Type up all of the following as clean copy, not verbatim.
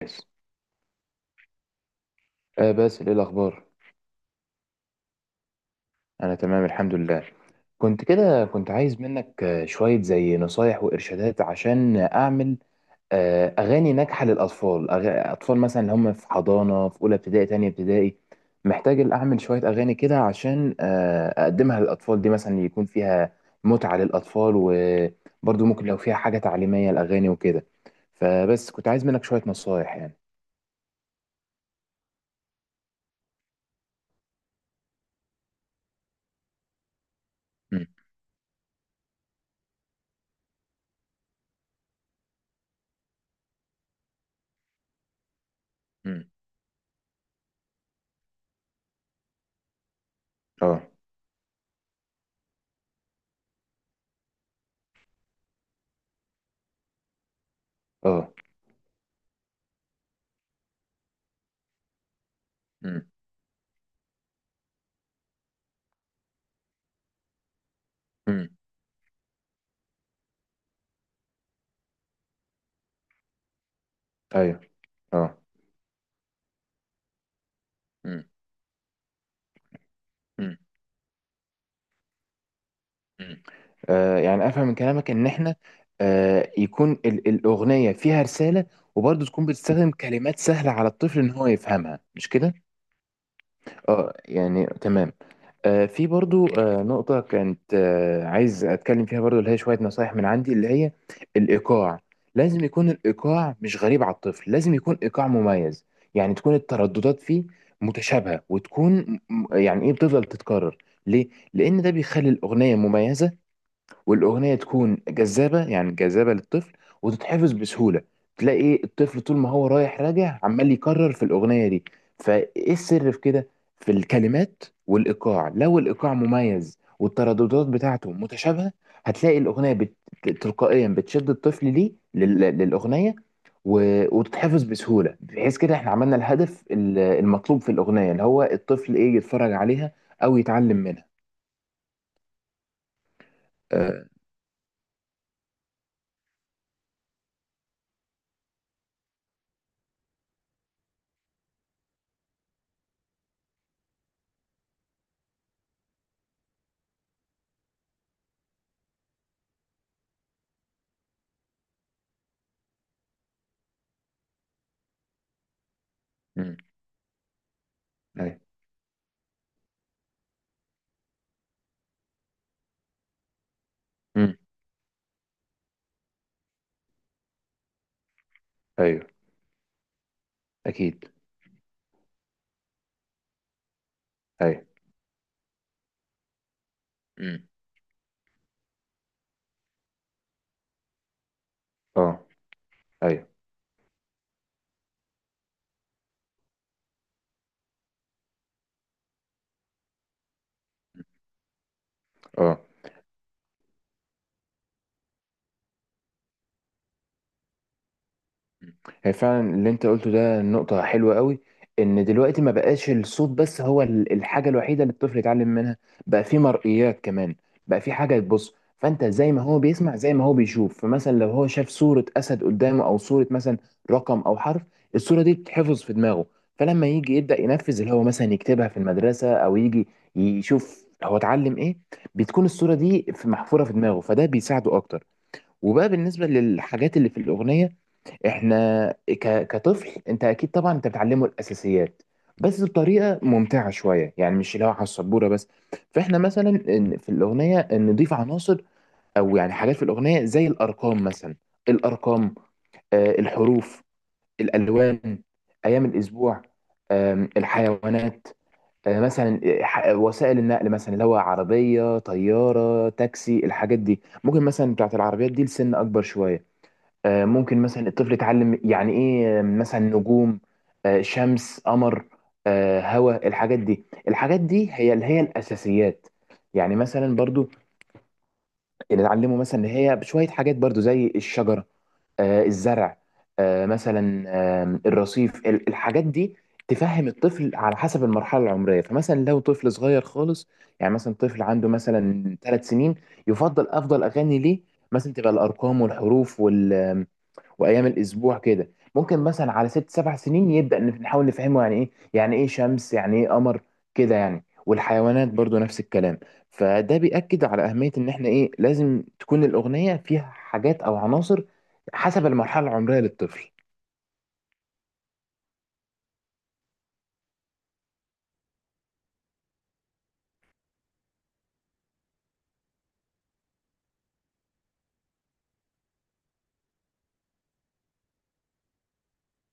بس. باسل، ايه الاخبار؟ انا تمام الحمد لله. كنت عايز منك، شوية زي نصايح وارشادات عشان اعمل اغاني ناجحة للاطفال. اطفال مثلا اللي هم في حضانة، في اولى ابتدائي، تانية ابتدائي. محتاج اعمل شوية اغاني كده عشان اقدمها للاطفال دي، مثلا يكون فيها متعة للاطفال، وبرضو ممكن لو فيها حاجة تعليمية الاغاني وكده. فبس كنت عايز منك شوية نصايح، يعني. مم. مم. اه. اه. مم. مم. ايوه. اه. مم. مم. مم. يعني افهم من كلامك ان احنا يكون الاغنيه فيها رساله، وبرضه تكون بتستخدم كلمات سهله على الطفل ان هو يفهمها، مش كده؟ اه، يعني تمام. في برضه نقطه كانت عايز اتكلم فيها برضه، اللي هي شويه نصايح من عندي، اللي هي الايقاع. لازم يكون الايقاع مش غريب على الطفل، لازم يكون ايقاع مميز. يعني تكون الترددات فيه متشابهه، وتكون يعني ايه، بتفضل تتكرر. ليه؟ لان ده بيخلي الاغنيه مميزه، والاغنيه تكون جذابه، يعني جذابه للطفل، وتتحفظ بسهوله. تلاقي إيه، الطفل طول ما هو رايح راجع عمال يكرر في الاغنيه دي. فايه السر في كده؟ في الكلمات والايقاع. لو الايقاع مميز والترددات بتاعته متشابهه، هتلاقي الاغنيه تلقائيا بتشد الطفل ليه للاغنيه، و... وتتحفظ بسهوله، بحيث كده احنا عملنا الهدف المطلوب في الاغنيه، اللي هو الطفل ايه، يتفرج عليها او يتعلم منها. آه. مم. أيوة. مم. أيوة. اكيد. ايوه. امم. اه. ايوه. اه. هي فعلا اللي انت قلته ده نقطة حلوة قوي، ان دلوقتي ما بقاش الصوت بس هو الحاجة الوحيدة اللي الطفل يتعلم منها. بقى في مرئيات كمان، بقى في حاجة تبص. فانت زي ما هو بيسمع، زي ما هو بيشوف. فمثلا لو هو شاف صورة اسد قدامه، او صورة مثلا رقم او حرف، الصورة دي بتتحفظ في دماغه. فلما يجي يبدأ ينفذ، اللي هو مثلا يكتبها في المدرسة، او يجي يشوف هو اتعلم ايه، بتكون الصورة دي محفورة في دماغه، فده بيساعده اكتر. وبقى بالنسبة للحاجات اللي في الأغنية، احنا كطفل، انت اكيد طبعا انت بتعلمه الاساسيات، بس بطريقه ممتعه شويه، يعني مش اللي هو على السبوره بس. فاحنا مثلا في الاغنيه نضيف عناصر، او يعني حاجات في الاغنيه زي الارقام مثلا. الارقام، الحروف، الالوان، ايام الاسبوع، الحيوانات، مثلا وسائل النقل، مثلا اللي هو عربيه، طياره، تاكسي، الحاجات دي. ممكن مثلا بتاعت العربيات دي لسن اكبر شويه. ممكن مثلا الطفل يتعلم يعني ايه، مثلا نجوم، شمس، قمر، هواء، الحاجات دي. الحاجات دي هي اللي هي الاساسيات. يعني مثلا برضو اللي اتعلمه مثلا، اللي هي شويه حاجات برضو زي الشجره، الزرع، مثلا، الرصيف، الحاجات دي. تفهم الطفل على حسب المرحله العمريه. فمثلا لو طفل صغير خالص، يعني مثلا طفل عنده مثلا 3 سنين، يفضل افضل اغاني ليه مثلا تبقى الارقام والحروف وايام الاسبوع كده. ممكن مثلا على ست سبع سنين يبدا نحاول نفهمه يعني ايه، يعني ايه شمس، يعني ايه قمر، كده يعني. والحيوانات برضو نفس الكلام. فده بيأكد على أهمية إن إحنا، إيه، لازم تكون الأغنية فيها حاجات أو عناصر حسب المرحلة العمرية للطفل.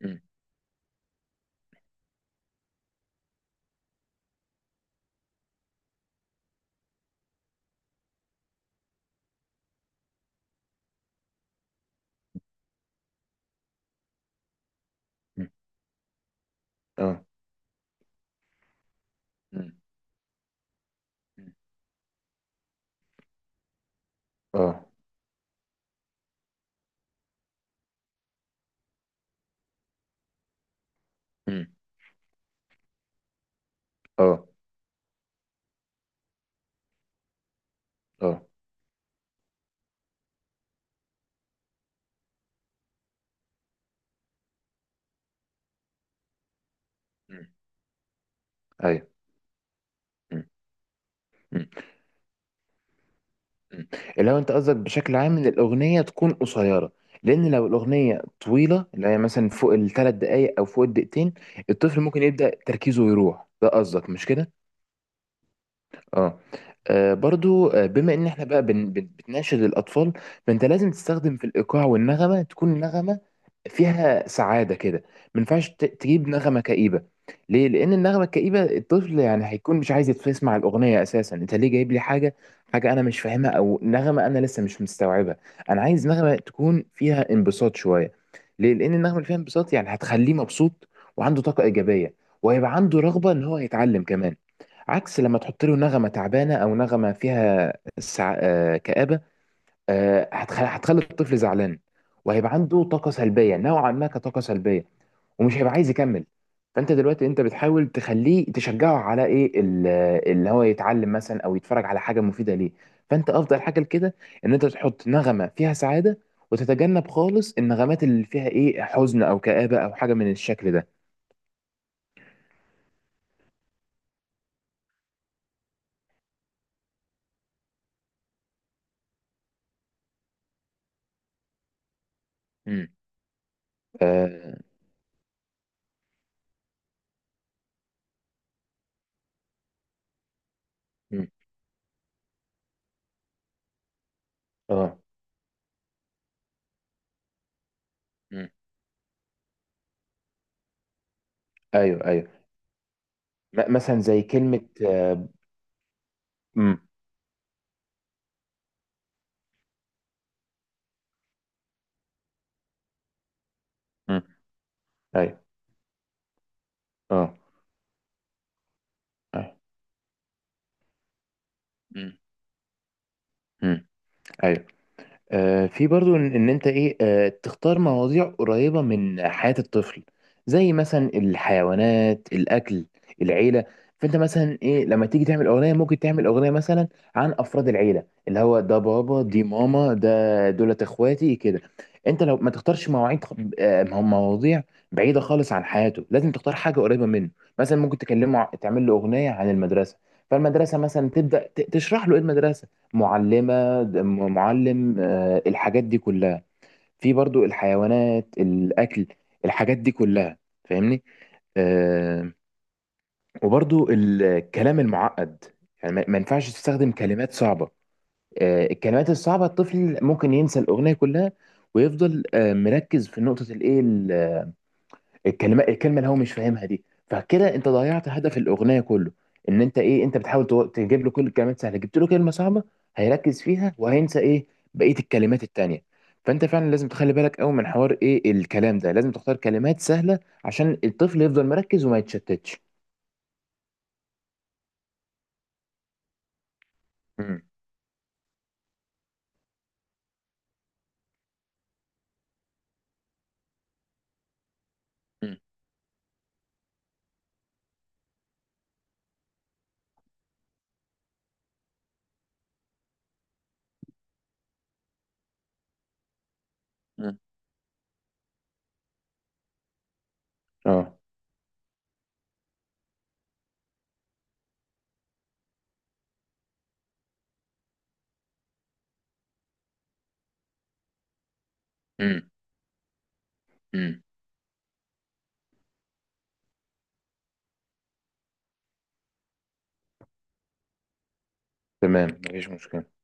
مم. مم. اه. مم. مم. اه. مم. اه. اه. مم. ايوه. مم. مم. مم. اللي هو انت قصدك بشكل عام ان الاغنيه تكون قصيره، لان لو الاغنيه طويله، اللي هي مثلا فوق الثلاث دقائق او فوق الدقيقتين، الطفل ممكن يبدا تركيزه يروح. ده قصدك، مش كده؟ اه. برضو، بما ان احنا بقى بتناشد الاطفال، فانت لازم تستخدم في الايقاع، والنغمه تكون نغمه فيها سعاده كده. ما ينفعش تجيب نغمه كئيبه. ليه؟ لان النغمه الكئيبه الطفل يعني هيكون مش عايز يسمع الاغنيه اساسا. انت ليه جايب لي حاجه، حاجه انا مش فاهمها، او نغمه انا لسه مش مستوعبها؟ انا عايز نغمه تكون فيها انبساط شويه. ليه؟ لان النغمه اللي فيها انبساط يعني هتخليه مبسوط، وعنده طاقه ايجابيه، وهيبقى عنده رغبه ان هو يتعلم كمان. عكس لما تحط له نغمة تعبانة، أو نغمة فيها سع... آه، كآبة، هتخلي الطفل زعلان، وهيبقى عنده طاقة سلبية نوعا ما، كطاقة سلبية، ومش هيبقى عايز يكمل. فأنت دلوقتي، أنت بتحاول تخليه، تشجعه على إيه اللي هو يتعلم مثلا أو يتفرج على حاجة مفيدة ليه. فأنت أفضل حاجة لكده إن أنت تحط نغمة فيها سعادة، وتتجنب خالص النغمات اللي فيها إيه حزن أو كآبة أو حاجة من الشكل ده. امم. آه. مم. آه. مم. ايوه. ايوه. مثلا زي كلمة آه، مم، مم، أيوه. أه. أيوه. مم. مم، أيوه. في برضو إن انت ايه، تختار مواضيع قريبة من حياة الطفل، زي مثلا الحيوانات، الاكل، العيلة. فانت مثلا ايه، لما تيجي تعمل اغنية، ممكن تعمل اغنية مثلا عن افراد العيلة، اللي هو ده بابا، دي ماما، ده دولت اخواتي كده. انت لو ما تختارش مواعيد خ- آه، مواضيع بعيدة خالص عن حياته. لازم تختار حاجة قريبة منه. مثلا ممكن تكلمه، تعمل له اغنية عن المدرسة. فالمدرسة مثلا تبدأ تشرح له ايه المدرسة، معلمة، معلم، الحاجات دي كلها. في برضو الحيوانات، الأكل، الحاجات دي كلها، فاهمني؟ آه، وبرضو الكلام المعقد، يعني ما ينفعش تستخدم كلمات صعبة. الكلمات الصعبة الطفل ممكن ينسى الأغنية كلها، ويفضل مركز في نقطة الإيه، الكلمه اللي هو مش فاهمها دي. فكده انت ضيعت هدف الاغنيه كله. ان انت ايه، انت بتحاول تجيب له كل الكلمات سهله، جبت له كلمه صعبه هيركز فيها، وهينسى ايه؟ بقيه الكلمات التانيه. فانت فعلا لازم تخلي بالك قوي من حوار ايه الكلام ده، لازم تختار كلمات سهله عشان الطفل يفضل مركز وما يتشتتش. مم. مم. مم. اه. مم. مم. تمام، مفيش مشكلة.